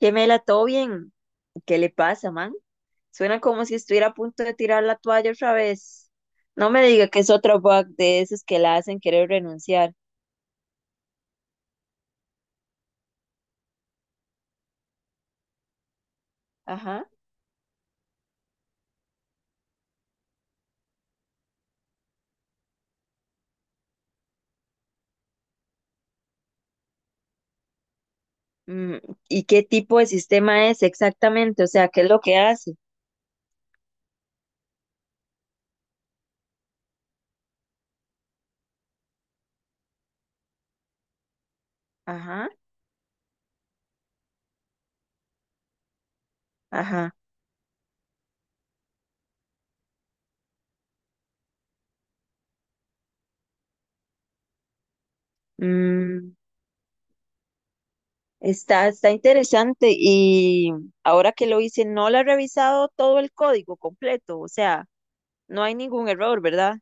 Gemela, ¿todo bien? ¿Qué le pasa, man? Suena como si estuviera a punto de tirar la toalla otra vez. No me diga que es otro bug de esos que la hacen querer renunciar. Ajá. Mm, ¿y qué tipo de sistema es exactamente? O sea, ¿qué es lo que hace? Ajá, ajá. Mm, está interesante. Y ahora que lo hice, no le ha revisado todo el código completo. O sea, no hay ningún error, ¿verdad?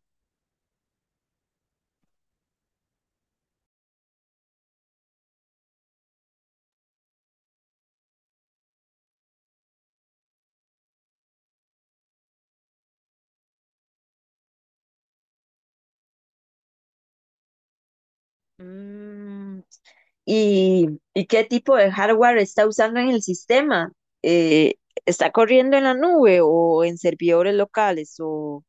Mm, y, y qué tipo de hardware está usando en el sistema. Eh, ¿Está corriendo en la nube o en servidores locales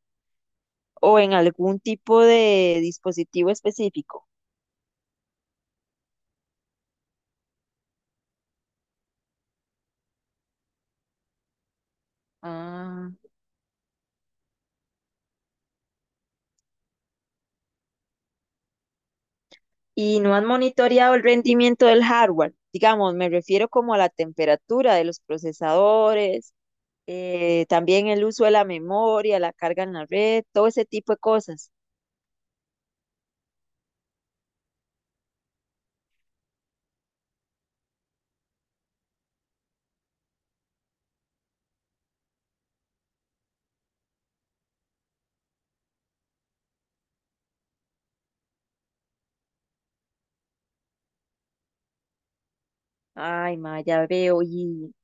o en algún tipo de dispositivo específico? Ah, y no han monitoreado el rendimiento del hardware. Digamos, me refiero como a la temperatura de los procesadores, también el uso de la memoria, la carga en la red, todo ese tipo de cosas. Ay, ma, ya veo. Y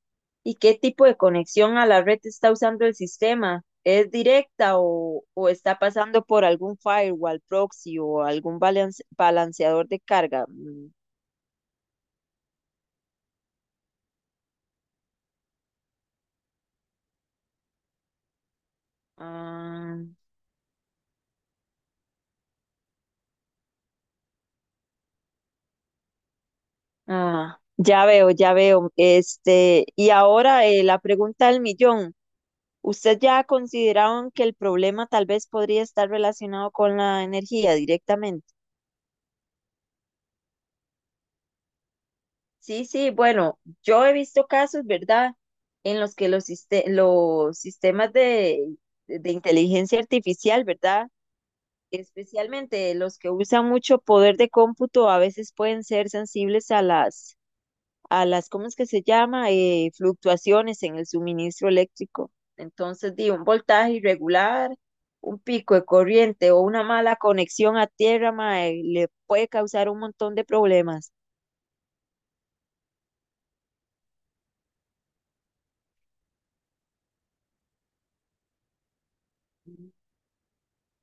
¿y qué tipo de conexión a la red está usando el sistema? ¿Es directa o está pasando por algún firewall proxy o algún balanceador de carga? Ah, ah, ya veo, ya veo. Este, y ahora la pregunta del millón. ¿Usted ya ha considerado en que el problema tal vez podría estar relacionado con la energía directamente? Sí, sí, bueno, yo he visto casos, ¿verdad?, en los que los, los sistemas de inteligencia artificial, ¿verdad?, especialmente los que usan mucho poder de cómputo, a veces pueden ser sensibles a las, ¿cómo es que se llama?, fluctuaciones en el suministro eléctrico. Entonces, di, un voltaje irregular, un pico de corriente o una mala conexión a tierra, mae, le puede causar un montón de problemas. Ujú.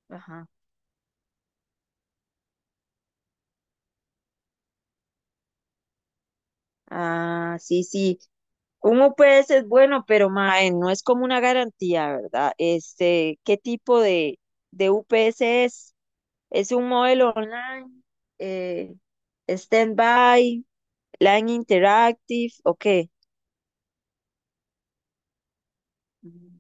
Ajá. Ah, sí, sí. Uno puede es bueno, pero mae, no es como una garantía, ¿verdad? Este, ¿qué tipo de UPS es? ¿Es un modelo online, eh, stand-by, line interactive o qué? Mm.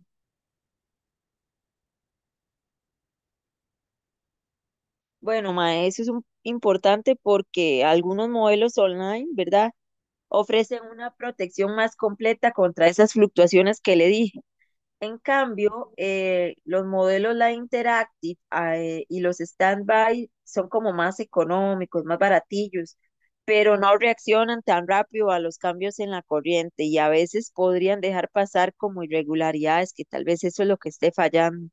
Bueno, mae, importante porque algunos modelos online, ¿verdad? Ofrecen una protección más completa contra esas fluctuaciones que le dije. En cambio, los modelos Live Interactive ah, y los Standby son como más económicos, más baratillos, pero no reaccionan tan rápido a los cambios en la corriente y a veces podrían dejar pasar como irregularidades, que tal vez eso es lo que esté fallando.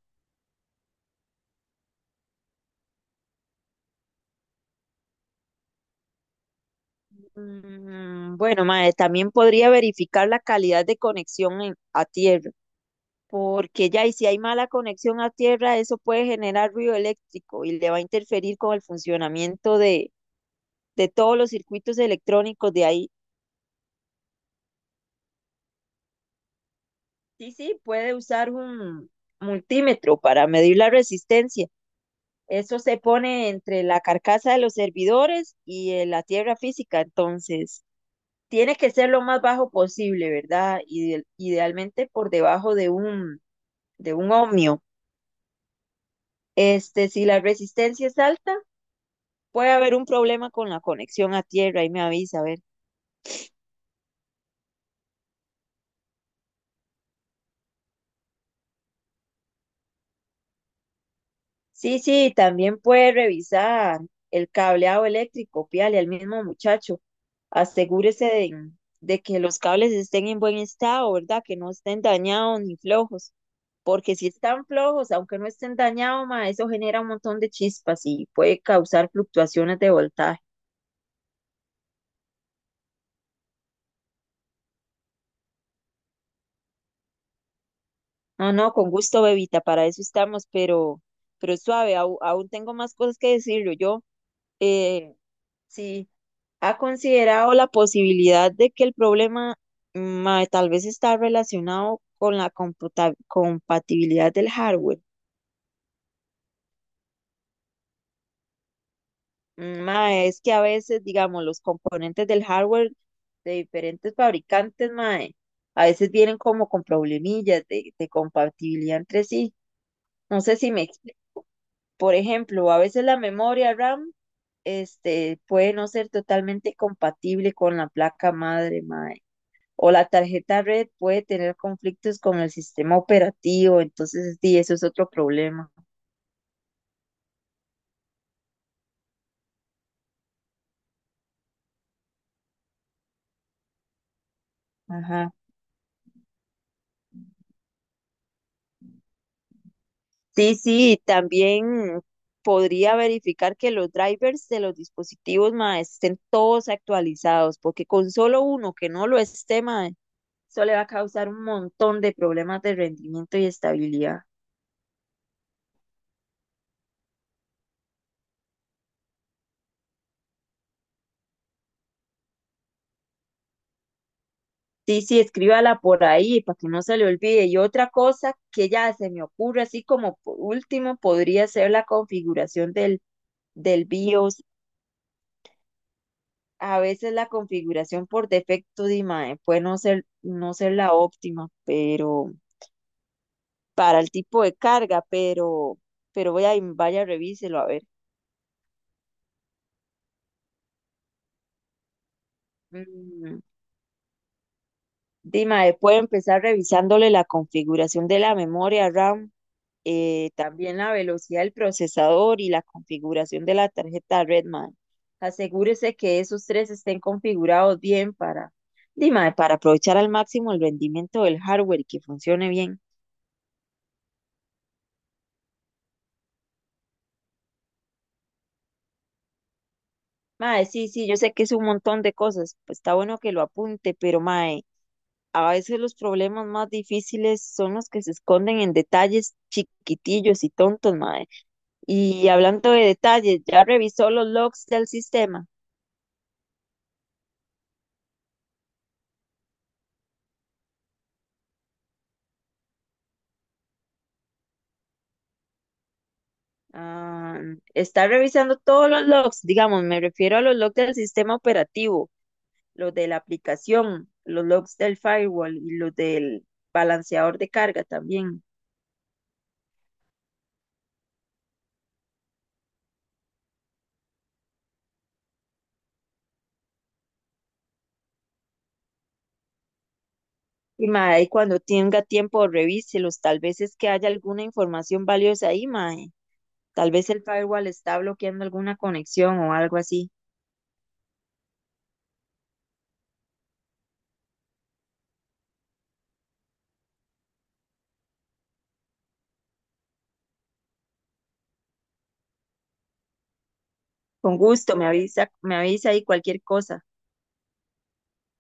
Mm, bueno, mae, también podría verificar la calidad de conexión a tierra, porque ya, y si hay mala conexión a tierra, eso puede generar ruido eléctrico y le va a interferir con el funcionamiento de todos los circuitos electrónicos de ahí. Sí, sí, puede usar un multímetro para medir la resistencia. Eso se pone entre la carcasa de los servidores y la tierra física, entonces tiene que ser lo más bajo posible, ¿verdad? Idealmente por debajo de un ohmio. Este, si la resistencia es alta, puede haber un problema con la conexión a tierra, ahí me avisa, a ver. Sí, sí, también puede revisar el cableado eléctrico, pídale al mismo muchacho. Asegúrese de que los cables estén en buen estado, ¿verdad? Que no estén dañados ni flojos, porque si están flojos, aunque no estén dañados, ma, eso genera un montón de chispas y puede causar fluctuaciones de voltaje. No, no, con gusto, bebita, para eso estamos, pero suave, aún, tengo más cosas que decirlo. Yo, eh, sí. ¿Ha considerado la posibilidad de que el problema ma, tal vez está relacionado con la compatibilidad del hardware? Ma, es que a veces, digamos, los componentes del hardware de diferentes fabricantes, ma, a veces vienen como con problemillas de compatibilidad entre sí. No sé si me explico. Por ejemplo, a veces la memoria RAM, este, puede no ser totalmente compatible con la placa madre, ma, o la tarjeta red puede tener conflictos con el sistema operativo, entonces sí, eso es otro problema. Ajá. Sí, sí, también podría verificar que los drivers de los dispositivos mae, estén todos actualizados, porque con solo uno que no lo esté, mae, eso le va a causar un montón de problemas de rendimiento y estabilidad. Sí, sí, escríbala por ahí para que no se le olvide. Y otra cosa que ya se me ocurre, así como por último, podría ser la configuración del del BIOS, a veces la configuración por defecto de imagen puede no ser, no ser la óptima, pero para el tipo de carga, pero, vaya, revíselo a ver. Mm, Dima, puede empezar revisándole la configuración de la memoria RAM, también la velocidad del procesador y la configuración de la tarjeta red, mae. Asegúrese que esos tres estén configurados bien para, Dima, para aprovechar al máximo el rendimiento del hardware y que funcione bien. Mae, sí, sí, yo sé que es un montón de cosas, pues está bueno que lo apunte, pero mae, a veces los problemas más difíciles son los que se esconden en detalles chiquitillos y tontos, mae. Y hablando de detalles, ¿ya revisó los logs del sistema? Ah, está revisando todos los logs, digamos, me refiero a los logs del sistema operativo, los de la aplicación, los logs del firewall y los del balanceador de carga también. Y mae, cuando tenga tiempo, revíselos. Tal vez es que haya alguna información valiosa ahí, mae. Tal vez el firewall está bloqueando alguna conexión o algo así. Con gusto, me avisa ahí cualquier cosa.